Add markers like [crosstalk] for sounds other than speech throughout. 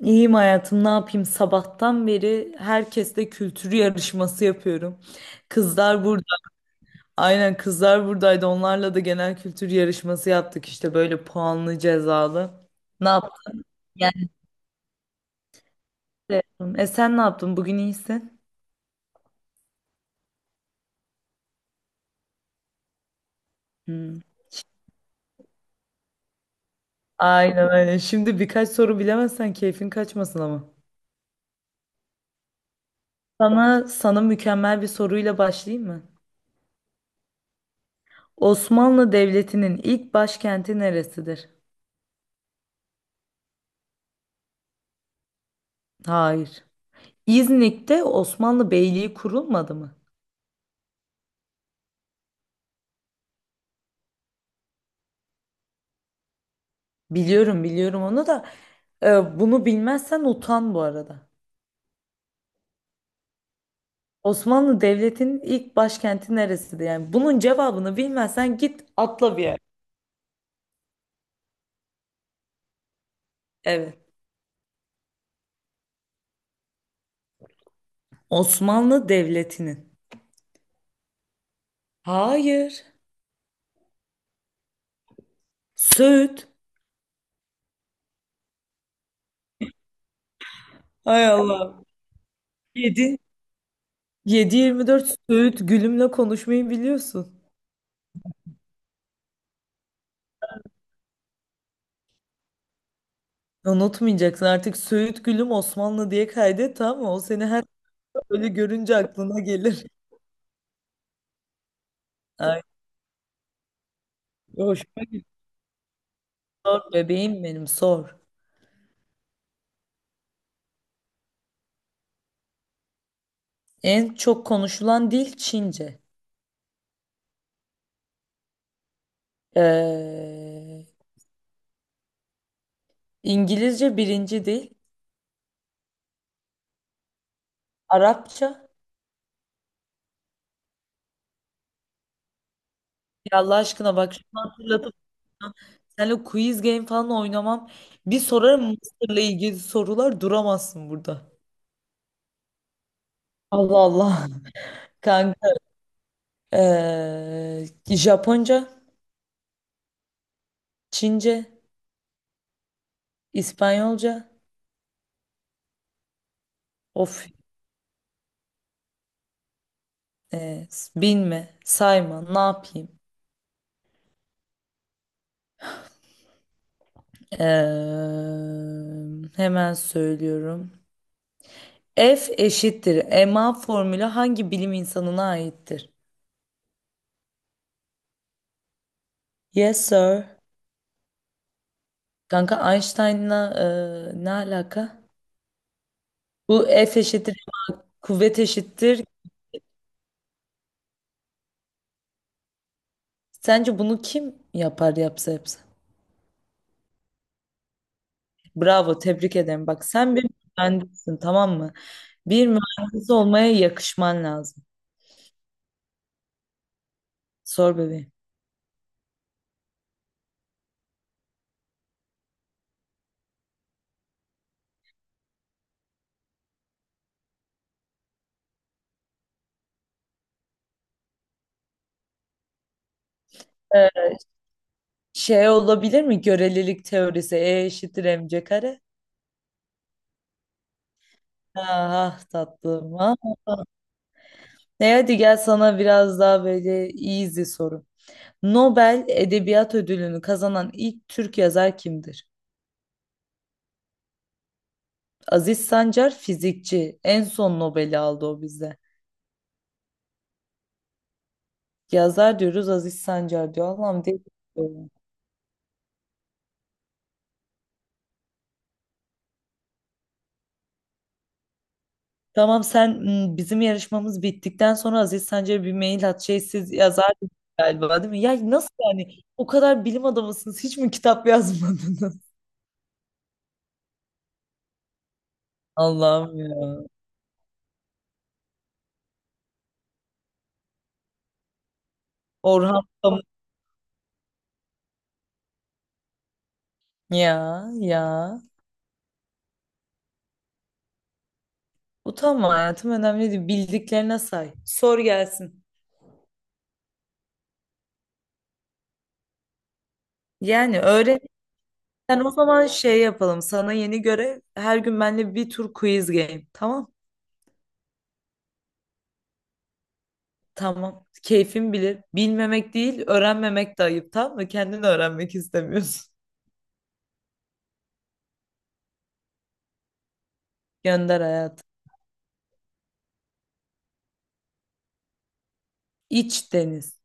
İyiyim hayatım, ne yapayım? Sabahtan beri herkesle kültür yarışması yapıyorum. Kızlar burada, aynen kızlar buradaydı. Onlarla da genel kültür yarışması yaptık işte böyle puanlı cezalı. Ne yaptın? Yani, sen ne yaptın? Bugün iyisin. Hmm. Aynen aynen. Şimdi birkaç soru bilemezsen keyfin kaçmasın ama. Sana mükemmel bir soruyla başlayayım mı? Osmanlı Devleti'nin ilk başkenti neresidir? Hayır. İznik'te Osmanlı Beyliği kurulmadı mı? Biliyorum biliyorum onu da bunu bilmezsen utan bu arada. Osmanlı Devleti'nin ilk başkenti neresiydi? Yani bunun cevabını bilmezsen git atla bir yer. Evet. Osmanlı Devleti'nin. Hayır. Söğüt. Hay Allah. Yedi yedi yirmi dört Söğüt Gülüm'le konuşmayı biliyorsun. Unutmayacaksın artık Söğüt Gülüm Osmanlı diye kaydet, tamam mı? O seni her böyle görünce aklına gelir. Ay, hoşuma sor bebeğim benim, sor. En çok konuşulan dil Çince. Ee, İngilizce birinci dil. Arapça. Ya Allah aşkına, bak şunu hatırlatıp da seninle quiz game falan oynamam. Bir sorarım Mısır'la ilgili sorular, duramazsın burada. Allah Allah. [laughs] Kanka. ee, Japonca, Çince, İspanyolca. Of. ee, bilme, sayma, ne yapayım? Hemen söylüyorum. F eşittir MA formülü hangi bilim insanına aittir? Yes sir. Kanka Einstein'la ne alaka? Bu F eşittir, kuvvet eşittir. Sence bunu kim yapar, yapsa yapsa? Bravo, tebrik ederim. Bak sen bir mühendissin, tamam mı? Bir mühendis olmaya yakışman lazım. Sor bebeğim. Ee, şey olabilir mi? Görelilik teorisi. E eşittir mc kare. Ah ah tatlım. Ah. Ne, hadi gel sana biraz daha böyle easy soru. Nobel Edebiyat Ödülünü kazanan ilk Türk yazar kimdir? Aziz Sancar fizikçi. En son Nobel'i aldı o bize. Yazar diyoruz, Aziz Sancar diyor. Allah'ım, değil. Tamam sen, bizim yarışmamız bittikten sonra Aziz Sancar'a bir mail at. Şey, siz yazar galiba, değil mi? Ya nasıl yani? O kadar bilim adamısınız. Hiç mi kitap yazmadınız? [laughs] Allah'ım ya. Orhan Pamuk. Ya ya. Utanma hayatım, önemli değil. Bildiklerine say. Sor gelsin. Yani öğren Sen o zaman şey yapalım. Sana yeni göre her gün benimle bir tur quiz game. Tamam. Tamam. Keyfin bilir. Bilmemek değil, öğrenmemek de ayıp. Tamam mı? Kendini öğrenmek istemiyorsun. [laughs] Gönder hayatım. İç deniz.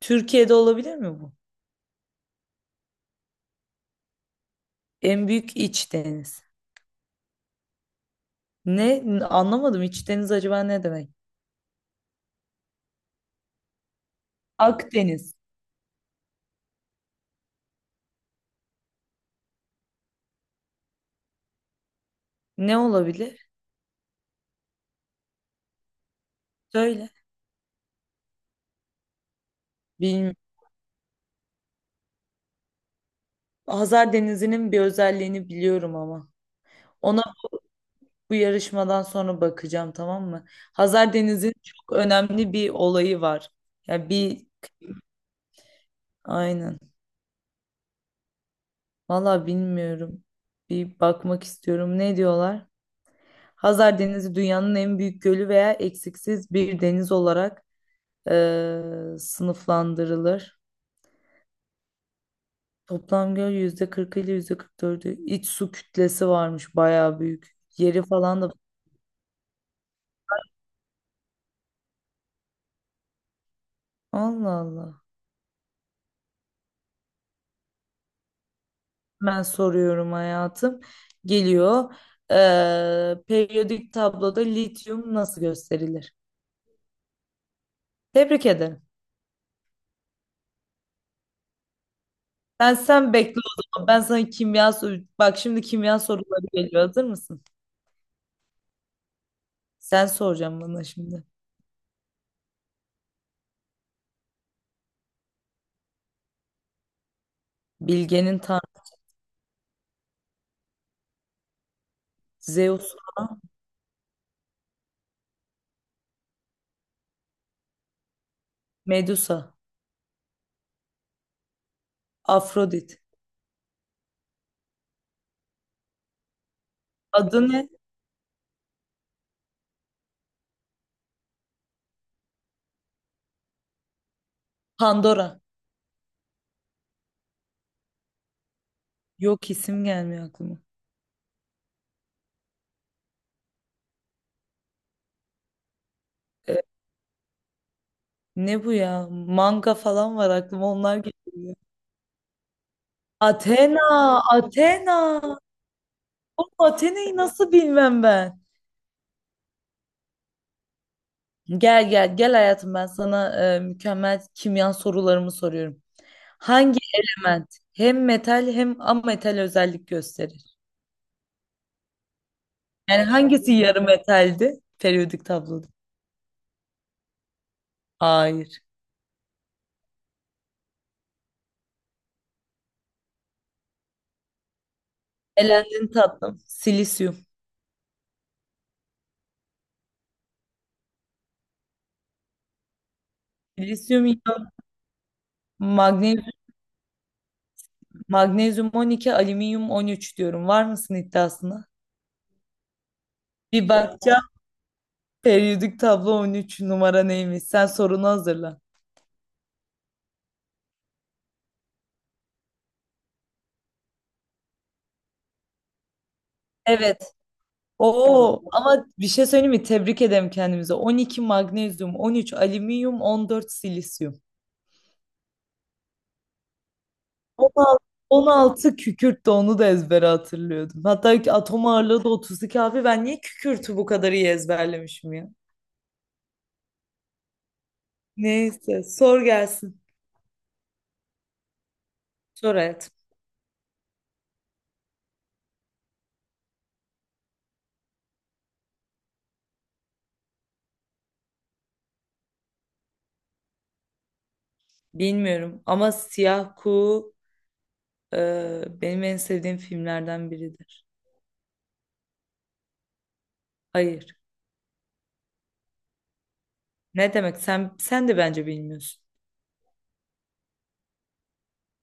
Türkiye'de olabilir mi bu? En büyük iç deniz. Ne? Anlamadım. İç deniz acaba ne demek? Akdeniz. Ne olabilir? Söyle. Bilmiyorum. Hazar Denizi'nin bir özelliğini biliyorum ama. Onu Bu yarışmadan sonra bakacağım, tamam mı? Hazar Deniz'in çok önemli bir olayı var. Ya bir aynen. Valla bilmiyorum. Bir bakmak istiyorum. Ne diyorlar? Hazar Denizi dünyanın en büyük gölü veya eksiksiz bir deniz olarak sınıflandırılır. Toplam göl %40 ile %44'ü. İç su kütlesi varmış, bayağı büyük. Yeri falan da. Allah Allah. Ben soruyorum hayatım. Geliyor. Periyodik tabloda lityum nasıl gösterilir? Tebrik ederim. Sen bekle o zaman. Ben sana kimya sor- Bak, şimdi kimya soruları geliyor. Hazır mısın? Sen soracaksın bana şimdi. Bilge'nin tanrı Zeus, Medusa, Afrodit. Adı ne? Pandora. Yok, isim gelmiyor aklıma. Ee, ne bu ya? Manga falan var aklıma, onlar geliyor. Athena, Athena. Atene'yi nasıl bilmem ben? Gel gel gel hayatım, ben sana mükemmel kimya sorularımı soruyorum. Hangi element hem metal hem ametal özellik gösterir? Yani hangisi yarı metaldi periyodik tabloda? Hayır. Elendin tatlım. Silisyum. Silisyum, iyon, magnezyum, magnezyum 12, alüminyum 13 diyorum. Var mısın iddiasına? Bir bakacağım. Periyodik tablo 13 numara neymiş? Sen sorunu hazırla. Evet. Oo, ama bir şey söyleyeyim mi? Tebrik ederim kendimize. 12 magnezyum, 13 alüminyum, 14 silisyum. on altı on altı kükürt, de onu da ezbere hatırlıyordum. Hatta ki atom ağırlığı da 32 abi. Ben niye kükürtü bu kadar iyi ezberlemişim ya? Neyse sor gelsin. Sor hayat. Bilmiyorum ama Siyah Kuğu benim en sevdiğim filmlerden biridir. Hayır. Ne demek? Sen de bence bilmiyorsun.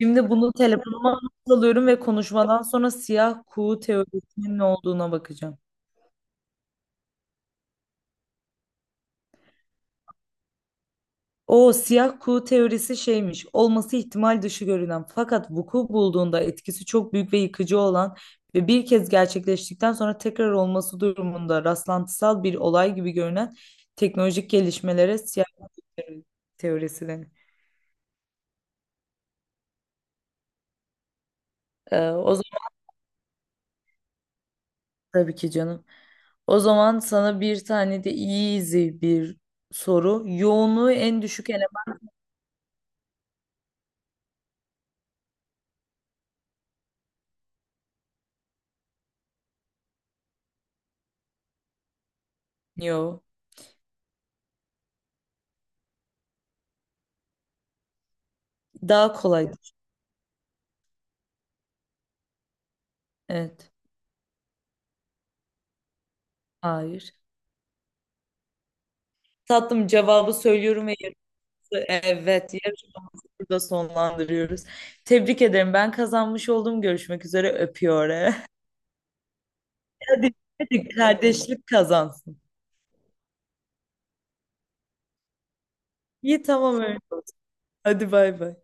Şimdi bunu telefonuma not alıyorum ve konuşmadan sonra siyah kuğu teorisinin ne olduğuna bakacağım. O siyah kuğu teorisi şeymiş. Olması ihtimal dışı görünen fakat vuku bulduğunda etkisi çok büyük ve yıkıcı olan ve bir kez gerçekleştikten sonra tekrar olması durumunda rastlantısal bir olay gibi görünen teknolojik gelişmelere siyah kuğu teorisi denir. O zaman tabii ki canım. O zaman sana bir tane de easy bir soru. Yoğunluğu en düşük eleman. Yo. Daha kolay. Evet. Hayır. Tatlım cevabı söylüyorum ve yarısı evet. Yarışmamızı burada sonlandırıyoruz. Tebrik ederim. Ben kazanmış oldum. Görüşmek üzere. Öpüyor. [laughs] Hadi, hadi kardeşlik kazansın. İyi, tamam öyle olsun. Hadi, bay bay.